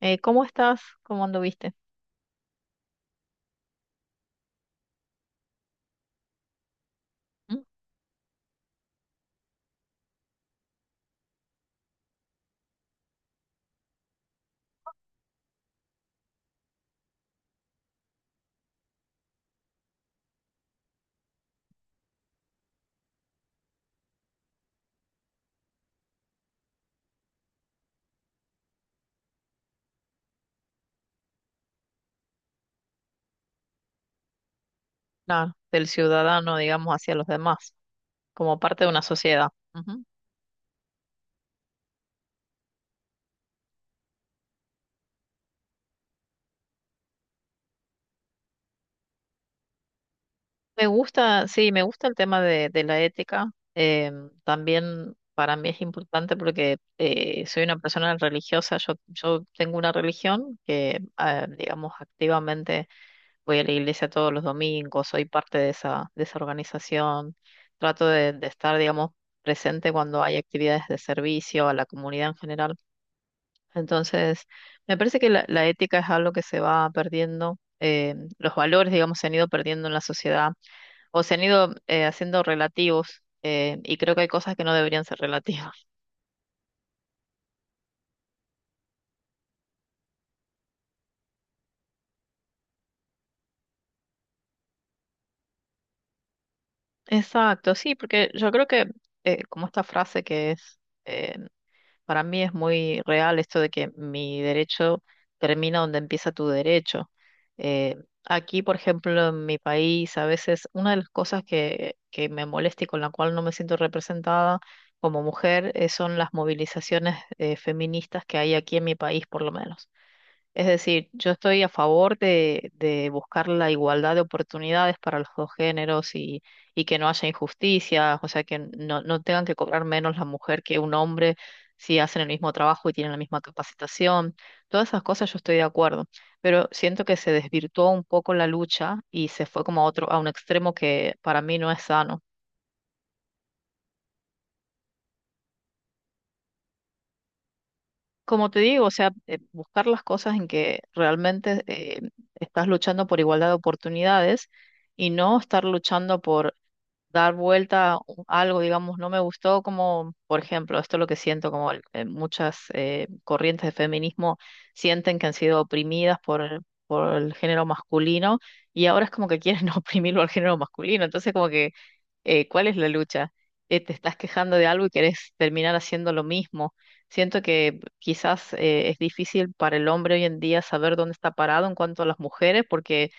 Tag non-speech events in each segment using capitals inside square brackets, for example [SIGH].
¿Cómo estás? ¿Cómo anduviste? ¿Mm? Claro, del ciudadano, digamos, hacia los demás, como parte de una sociedad. Ujú. Me gusta, sí, me gusta el tema de la ética. eh, También para mí es importante porque soy una persona religiosa. Yo tengo una religión que, ah, digamos, activamente voy a la iglesia todos los domingos, soy parte de esa organización. Trato de estar, digamos, presente cuando hay actividades de servicio a la comunidad en general. Entonces, me parece que la ética es algo que se va perdiendo, los valores, digamos, se han ido perdiendo en la sociedad o se han ido haciendo relativos, y creo que hay cosas que no deberían ser relativas. [LAUGHS] Exacto, sí, porque yo creo que como esta frase que es... Para mí es muy real esto de que mi derecho termina donde empieza tu derecho. Eh, Aquí, por ejemplo, en mi país, a veces una de las cosas que me molesta y con la cual no me siento representada como mujer, son las movilizaciones feministas que hay aquí en mi país, por lo menos. Es decir, yo estoy a favor de buscar la igualdad de oportunidades para los dos géneros y que no haya injusticias, o sea, que no, no tengan que cobrar menos la mujer que un hombre si hacen el mismo trabajo y tienen la misma capacitación. Todas esas cosas yo estoy de acuerdo, pero siento que se desvirtuó un poco la lucha y se fue como a otro, a un extremo que para mí no es sano. Como te digo, o sea, buscar las cosas en que realmente estás luchando por igualdad de oportunidades y no estar luchando por dar vuelta a algo, digamos, no me gustó como, por ejemplo, esto es lo que siento, como muchas corrientes de feminismo sienten que han sido oprimidas por el género masculino y ahora es como que quieren [LAUGHS] oprimirlo al género masculino, entonces como que, ¿cuál es la lucha? Te estás quejando de algo y querés terminar haciendo lo mismo. Siento que quizás, es difícil para el hombre hoy en día saber dónde está parado en cuanto a las mujeres, porque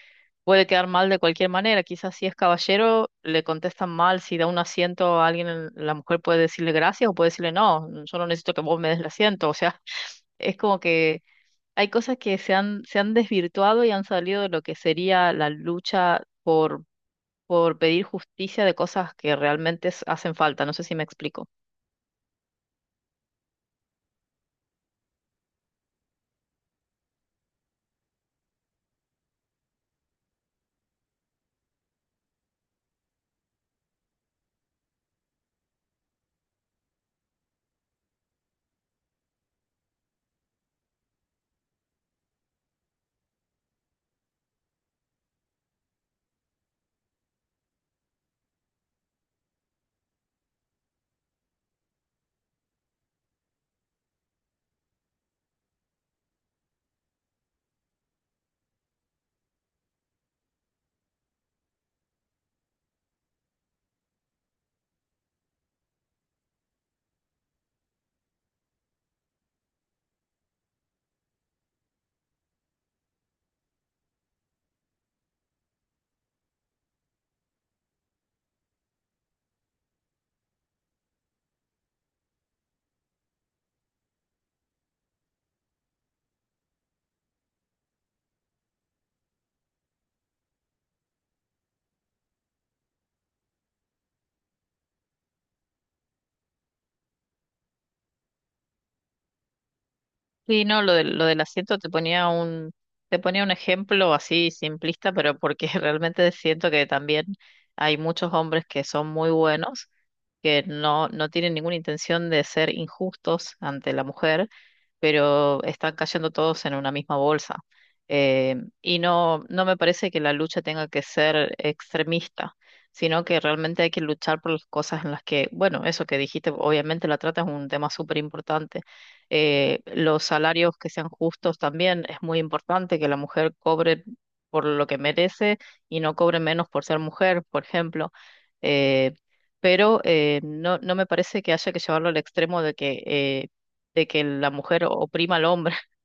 puede quedar mal de cualquier manera. Quizás si es caballero, le contestan mal, si da un asiento a alguien, la mujer puede decirle gracias o puede decirle no, yo no necesito que vos me des el asiento. O sea, [LAUGHS] es como que hay cosas que se han desvirtuado y han salido de lo que sería la lucha por pedir justicia de cosas que realmente hacen falta. No sé si me explico. Sí, no, lo del asiento te ponía un ejemplo así simplista, pero porque [LAUGHS] realmente siento que también hay muchos hombres que son muy buenos, que no, no tienen ninguna intención de ser injustos ante la mujer, pero están cayendo todos en una misma bolsa. Eh, y no, no me parece que la lucha tenga que ser extremista, sino que realmente hay que luchar por las cosas en las que, bueno, eso que dijiste, obviamente la trata es un tema súper importante. Los salarios que sean justos también es muy importante, que la mujer cobre por lo que merece y no cobre menos por ser mujer, por ejemplo. Eh, pero, no, no me parece que haya que llevarlo al extremo de que, de que la mujer oprima al hombre. [LAUGHS]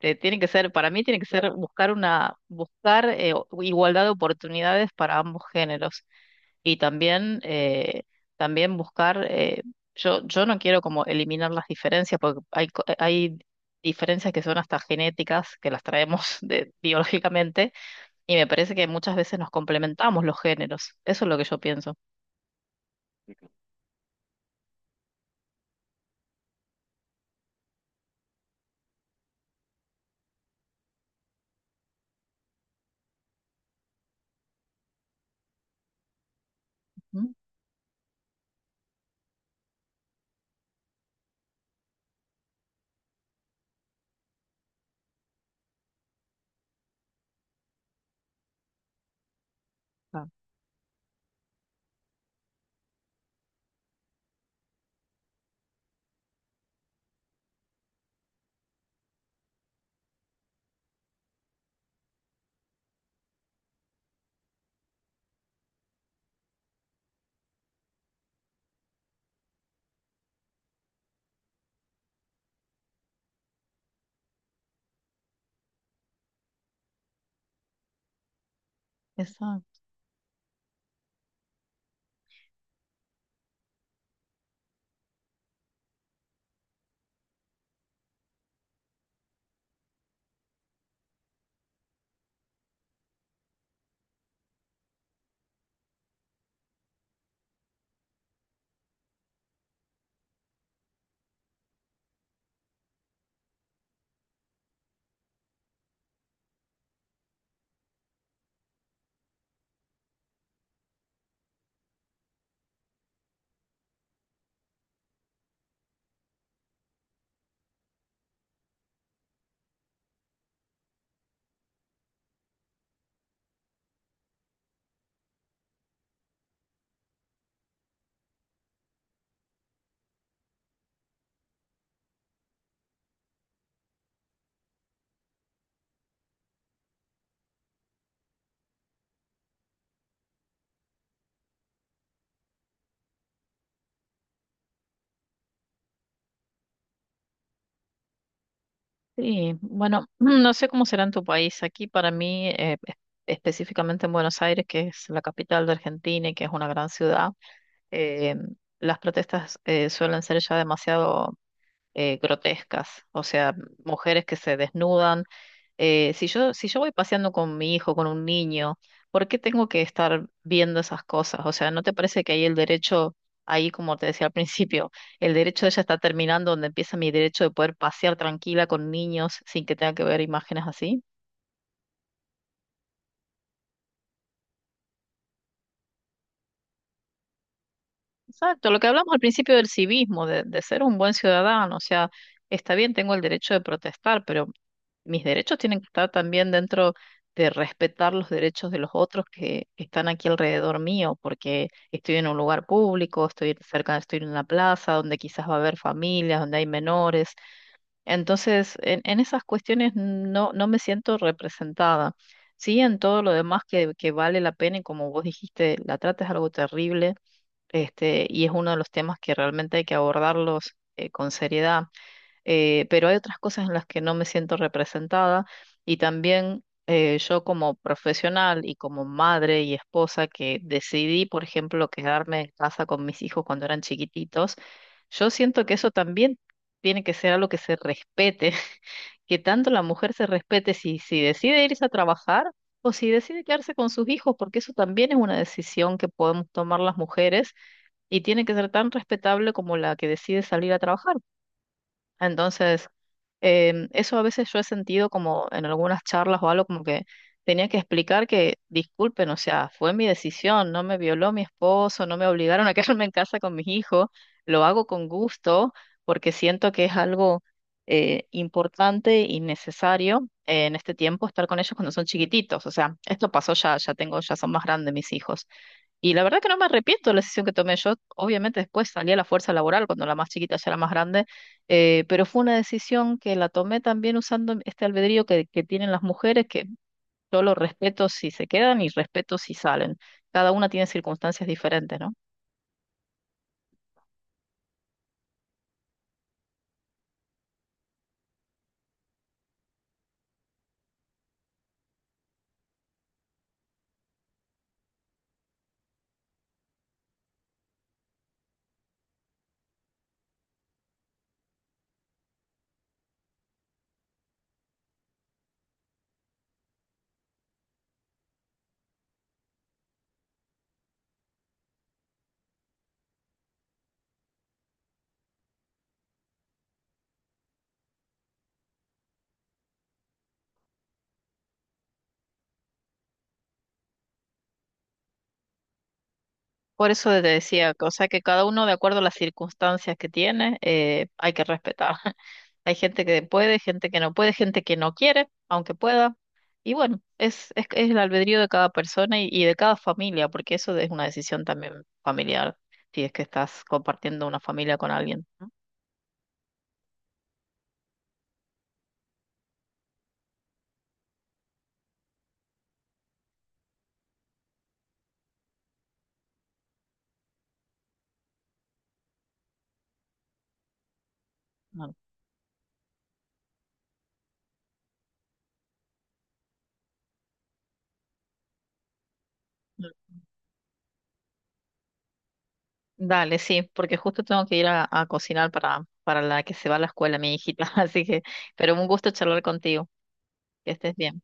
Tiene que ser, para mí tiene que ser buscar una, buscar igualdad de oportunidades para ambos géneros y también, también buscar, yo, yo no quiero como eliminar las diferencias porque hay, hay diferencias que son hasta genéticas, que las traemos [LAUGHS] de, biológicamente, y me parece que muchas veces nos complementamos los géneros. Eso es lo que yo pienso. Ujú. Ah. Eso. Sí, bueno, [CLEARS THROAT] no sé cómo será en tu país. Aquí para mí, específicamente en Buenos Aires, que es la capital de Argentina y que es una gran ciudad, eh, las protestas suelen ser ya demasiado, grotescas. O sea, mujeres que se desnudan, si yo, si yo voy paseando con mi hijo, con un niño, ¿por qué tengo que estar viendo esas cosas? O sea, ¿no te parece que hay el derecho, ahí como te decía al [LAUGHS] principio, el derecho de ella está terminando donde empieza mi derecho de poder pasear tranquila con niños sin que tenga que ver imágenes así? Exacto, lo que hablamos al principio del civismo, de ser un buen ciudadano, o sea, está bien, tengo el derecho de protestar, pero mis derechos tienen que estar también dentro de respetar los derechos de los otros que están aquí alrededor mío, porque estoy en un lugar público, estoy cerca, estoy en una plaza donde quizás va a haber familias, donde hay menores. Entonces, en esas cuestiones no, no me siento representada. Sí, en todo lo demás que vale la pena y como vos dijiste, la trata es algo terrible, este, y es uno de los temas que realmente hay que abordarlos, con seriedad, pero hay otras cosas en las que no me siento representada, y también, yo como profesional y como madre y esposa que decidí, por ejemplo, quedarme en casa con mis hijos cuando eran chiquititos, yo siento que eso también tiene que ser algo que se respete, [LAUGHS] que tanto la mujer se respete si, si decide irse a trabajar. O si decide quedarse con sus hijos, porque eso también es una decisión que podemos tomar las mujeres y tiene que ser tan respetable como la que decide salir a trabajar. Entonces, em, eso a veces yo he sentido como en algunas charlas o algo como que tenía que explicar que, disculpen, o sea, fue mi decisión, no me violó mi esposo, no me obligaron a [LAUGHS] quedarme en casa con mis hijos, lo hago con gusto porque siento que es algo, importante y necesario, en este tiempo estar con ellos cuando son chiquititos. O sea, esto pasó ya, ya tengo, ya son más grandes mis hijos y la verdad que no me arrepiento de la decisión que tomé. Yo, obviamente, después salí a la fuerza laboral cuando la más chiquita ya era más grande, pero fue una decisión que la tomé también usando este albedrío que tienen las mujeres, que yo lo respeto si se quedan y respeto si salen. Cada una tiene circunstancias diferentes, ¿no? Por eso te decía, o sea que cada uno de acuerdo a las circunstancias que tiene, hay que respetar. [LAUGHS] Hay gente que puede, gente que no puede, gente que no quiere, aunque pueda. Y bueno, es el albedrío de cada persona y de cada familia, porque eso es una decisión también familiar, si es que estás compartiendo una familia con alguien, ¿no? Bueno. Mm. Dale, sí, porque justo tengo que ir a cocinar para la que se va a la escuela, mi hijita. [LAUGHS] Así que, pero un gusto charlar contigo. Que estés bien.